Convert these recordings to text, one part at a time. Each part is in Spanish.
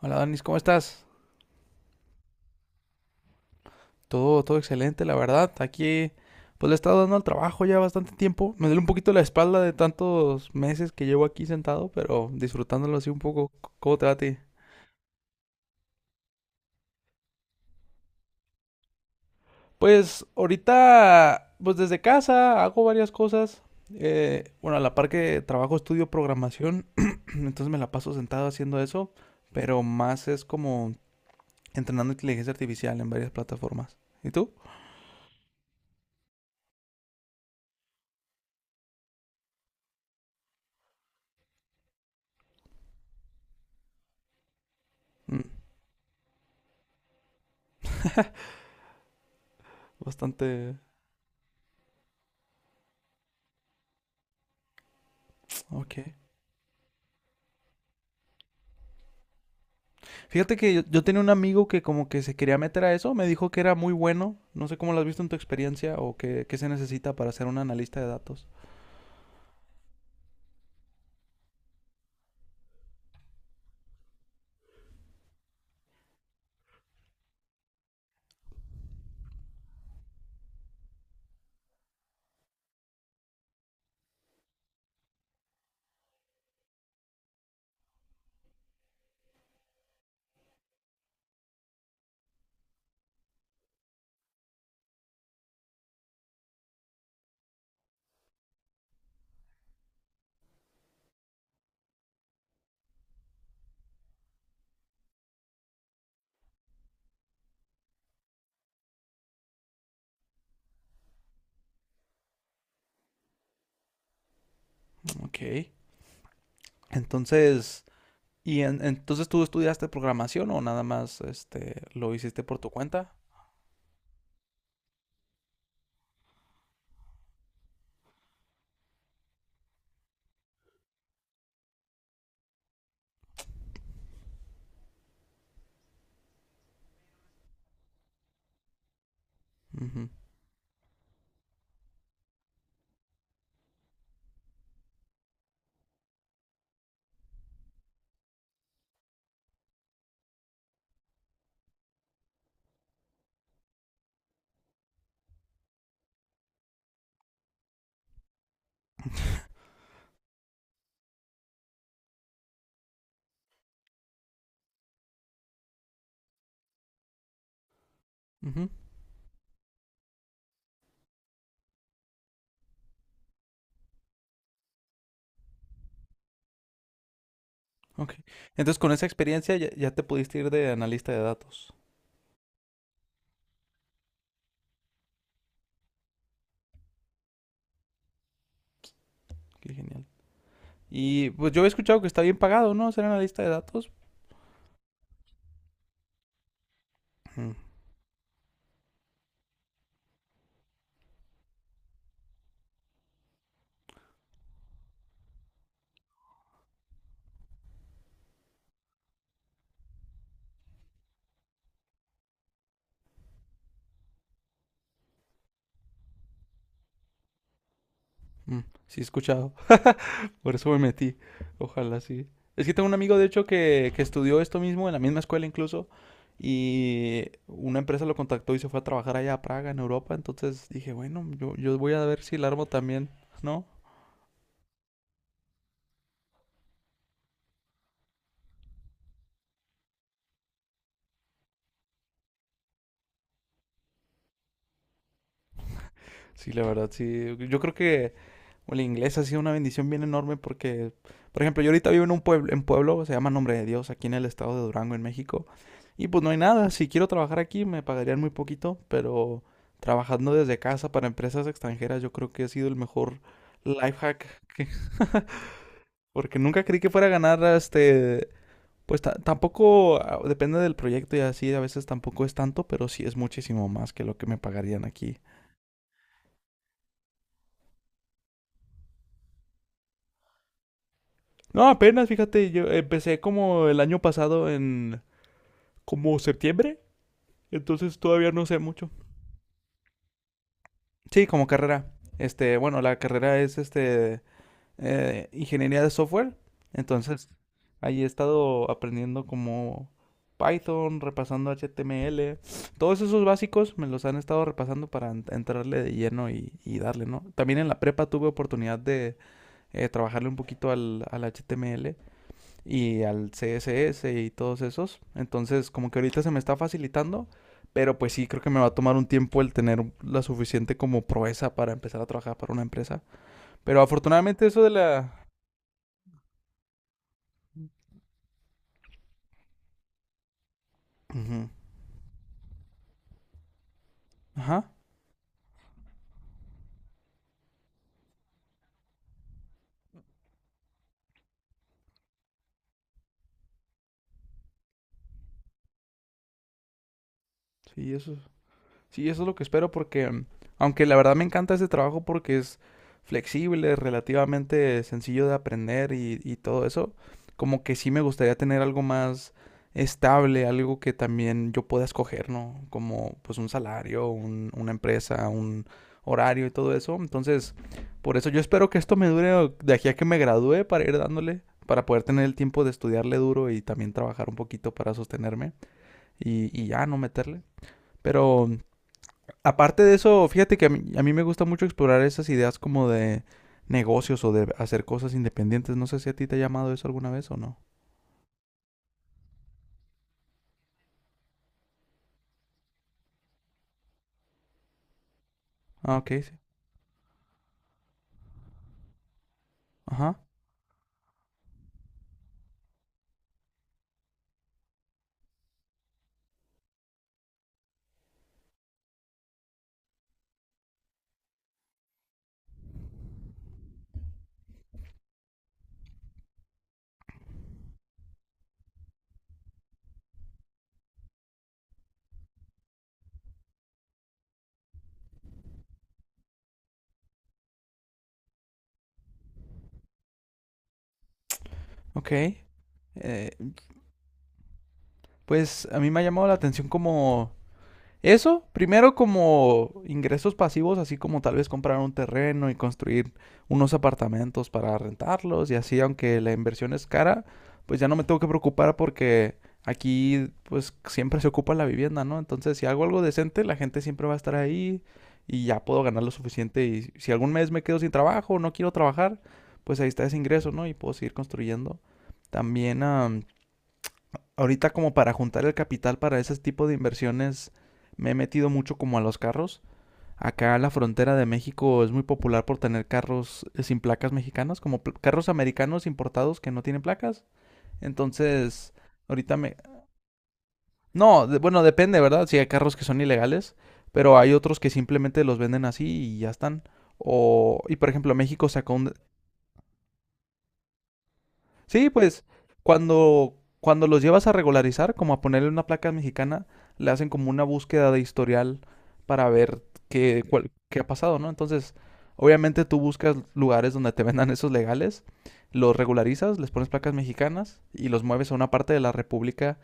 Hola Danis, ¿cómo estás? Todo excelente, la verdad. Aquí, pues le he estado dando al trabajo ya bastante tiempo. Me duele un poquito la espalda de tantos meses que llevo aquí sentado, pero disfrutándolo así un poco. ¿Cómo te va a ti? Pues ahorita, pues desde casa hago varias cosas. Bueno, a la par que trabajo, estudio programación, entonces me la paso sentado haciendo eso, pero más es como entrenando inteligencia artificial en varias plataformas. ¿Y tú? Mm, bastante... Ok. Fíjate que yo tenía un amigo que como que se quería meter a eso, me dijo que era muy bueno, no sé cómo lo has visto en tu experiencia o qué, qué se necesita para ser un analista de datos. Ok. Entonces, ¿ entonces tú estudiaste programación o nada más este, ¿lo hiciste por tu cuenta? Ujú, ujú. Ok. Entonces con esa experiencia ya, ya te pudiste ir de analista de datos. Qué genial. Y pues yo he escuchado que está bien pagado, ¿no? Ser analista de datos. Mm, mm, sí, he escuchado. Por eso me metí. Ojalá sí. Es que tengo un amigo, de hecho, que estudió esto mismo en la misma escuela incluso. Y una empresa lo contactó y se fue a trabajar allá a Praga, en Europa. Entonces dije, bueno, yo voy a ver si el armo también, ¿no? Sí, la verdad, sí. Yo creo que o el inglés ha sido una bendición bien enorme porque, por ejemplo, yo ahorita vivo en un pueblo, en pueblo, se llama Nombre de Dios, aquí en el estado de Durango, en México. Y pues no hay nada, si quiero trabajar aquí me pagarían muy poquito, pero trabajando desde casa para empresas extranjeras yo creo que ha sido el mejor life hack, que- porque nunca creí que fuera a ganar, este, pues tampoco, ah, depende del proyecto y así, a veces tampoco es tanto, pero sí es muchísimo más que lo que me pagarían aquí. No, apenas, fíjate, yo empecé como el año pasado en, como septiembre, entonces todavía no sé mucho. Sí, como carrera. Este, bueno, la carrera es este ingeniería de software. Entonces, ahí he estado aprendiendo como Python, repasando HTML. Todos esos básicos me los han estado repasando para entrarle de lleno y darle, ¿no? También en la prepa tuve oportunidad de trabajarle un poquito al HTML y al CSS y todos esos. Entonces, como que ahorita se me está facilitando, pero pues sí, creo que me va a tomar un tiempo el tener la suficiente como proeza para empezar a trabajar para una empresa. Pero afortunadamente eso de la... Ujú. Ajá, sí, eso. Sí, eso es lo que espero porque, mm, aunque la verdad me encanta ese trabajo porque es flexible, relativamente sencillo de aprender y todo eso, como que sí me gustaría tener algo más estable, algo que también yo pueda escoger, ¿no? Como pues un salario, una empresa, un horario y todo eso. Entonces, por eso yo espero que esto me dure de aquí a que me gradúe para ir dándole, para poder tener el tiempo de estudiarle duro y también trabajar un poquito para sostenerme y ya no meterle. Pero aparte de eso, fíjate que a mí me gusta mucho explorar esas ideas como de negocios o de hacer cosas independientes. No sé si a ti te ha llamado eso alguna vez o no. Ah, ok, sí. Ajá, ok. Eh, pues a mí me ha llamado la atención como eso, primero como ingresos pasivos, así como tal vez comprar un terreno y construir unos apartamentos para rentarlos y así, aunque la inversión es cara, pues ya no me tengo que preocupar porque aquí pues siempre se ocupa la vivienda, ¿no? Entonces, si hago algo decente, la gente siempre va a estar ahí y ya puedo ganar lo suficiente y si algún mes me quedo sin trabajo o no quiero trabajar, pues ahí está ese ingreso, ¿no? Y puedo seguir construyendo. También, am, ahorita como para juntar el capital para ese tipo de inversiones me he metido mucho como a los carros. Acá la frontera de México es muy popular por tener carros sin placas mexicanas, como carros americanos importados que no tienen placas. Entonces, ahorita me... No, bueno, depende, ¿verdad? Si hay carros que son ilegales, pero hay otros que simplemente los venden así y ya están. O, y por ejemplo, México sacó un, sí, pues cuando, cuando los llevas a regularizar, como a ponerle una placa mexicana, le hacen como una búsqueda de historial para ver qué, qué ha pasado, ¿no? Entonces, obviamente tú buscas lugares donde te vendan esos legales, los regularizas, les pones placas mexicanas y los mueves a una parte de la república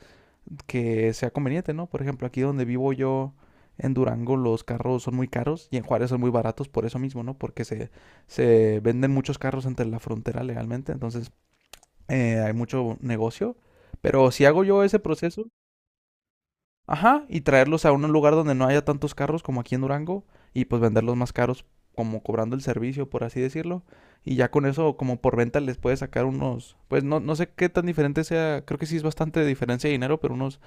que sea conveniente, ¿no? Por ejemplo, aquí donde vivo yo, en Durango los carros son muy caros y en Juárez son muy baratos por eso mismo, ¿no? Porque se venden muchos carros entre la frontera legalmente, entonces hay mucho negocio, pero si hago yo ese proceso, ajá, y traerlos a un lugar donde no haya tantos carros como aquí en Durango, y pues venderlos más caros, como cobrando el servicio, por así decirlo, y ya con eso, como por venta, les puede sacar unos, pues no, no sé qué tan diferente sea, creo que sí es bastante diferencia de dinero, pero unos,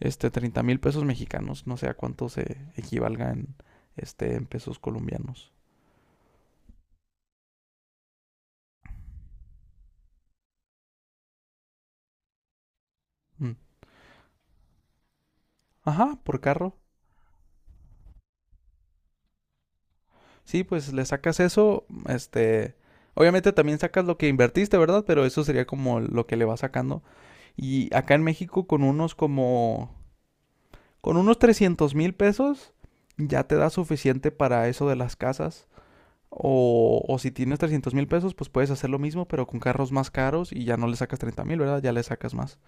este, 30.000 pesos mexicanos, no sé a cuánto se equivalga en, este, en pesos colombianos. Mm. Ajá, por carro. Sí, pues le sacas eso, este, obviamente también sacas lo que invertiste, ¿verdad? Pero eso sería como lo que le vas sacando. Y acá en México con unos como, con unos 300.000 pesos ya te da suficiente para eso de las casas. O si tienes 300.000 pesos, pues puedes hacer lo mismo, pero con carros más caros y ya no le sacas 30.000, ¿verdad? Ya le sacas más.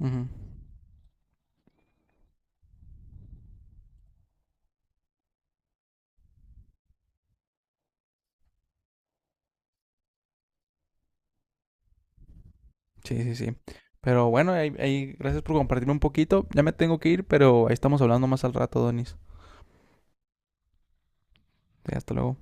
Ujú. Sí, sí, sí. Pero bueno, ahí, ahí, gracias por compartirme un poquito. Ya me tengo que ir, pero ahí estamos hablando más al rato, Donis. Sí, hasta luego.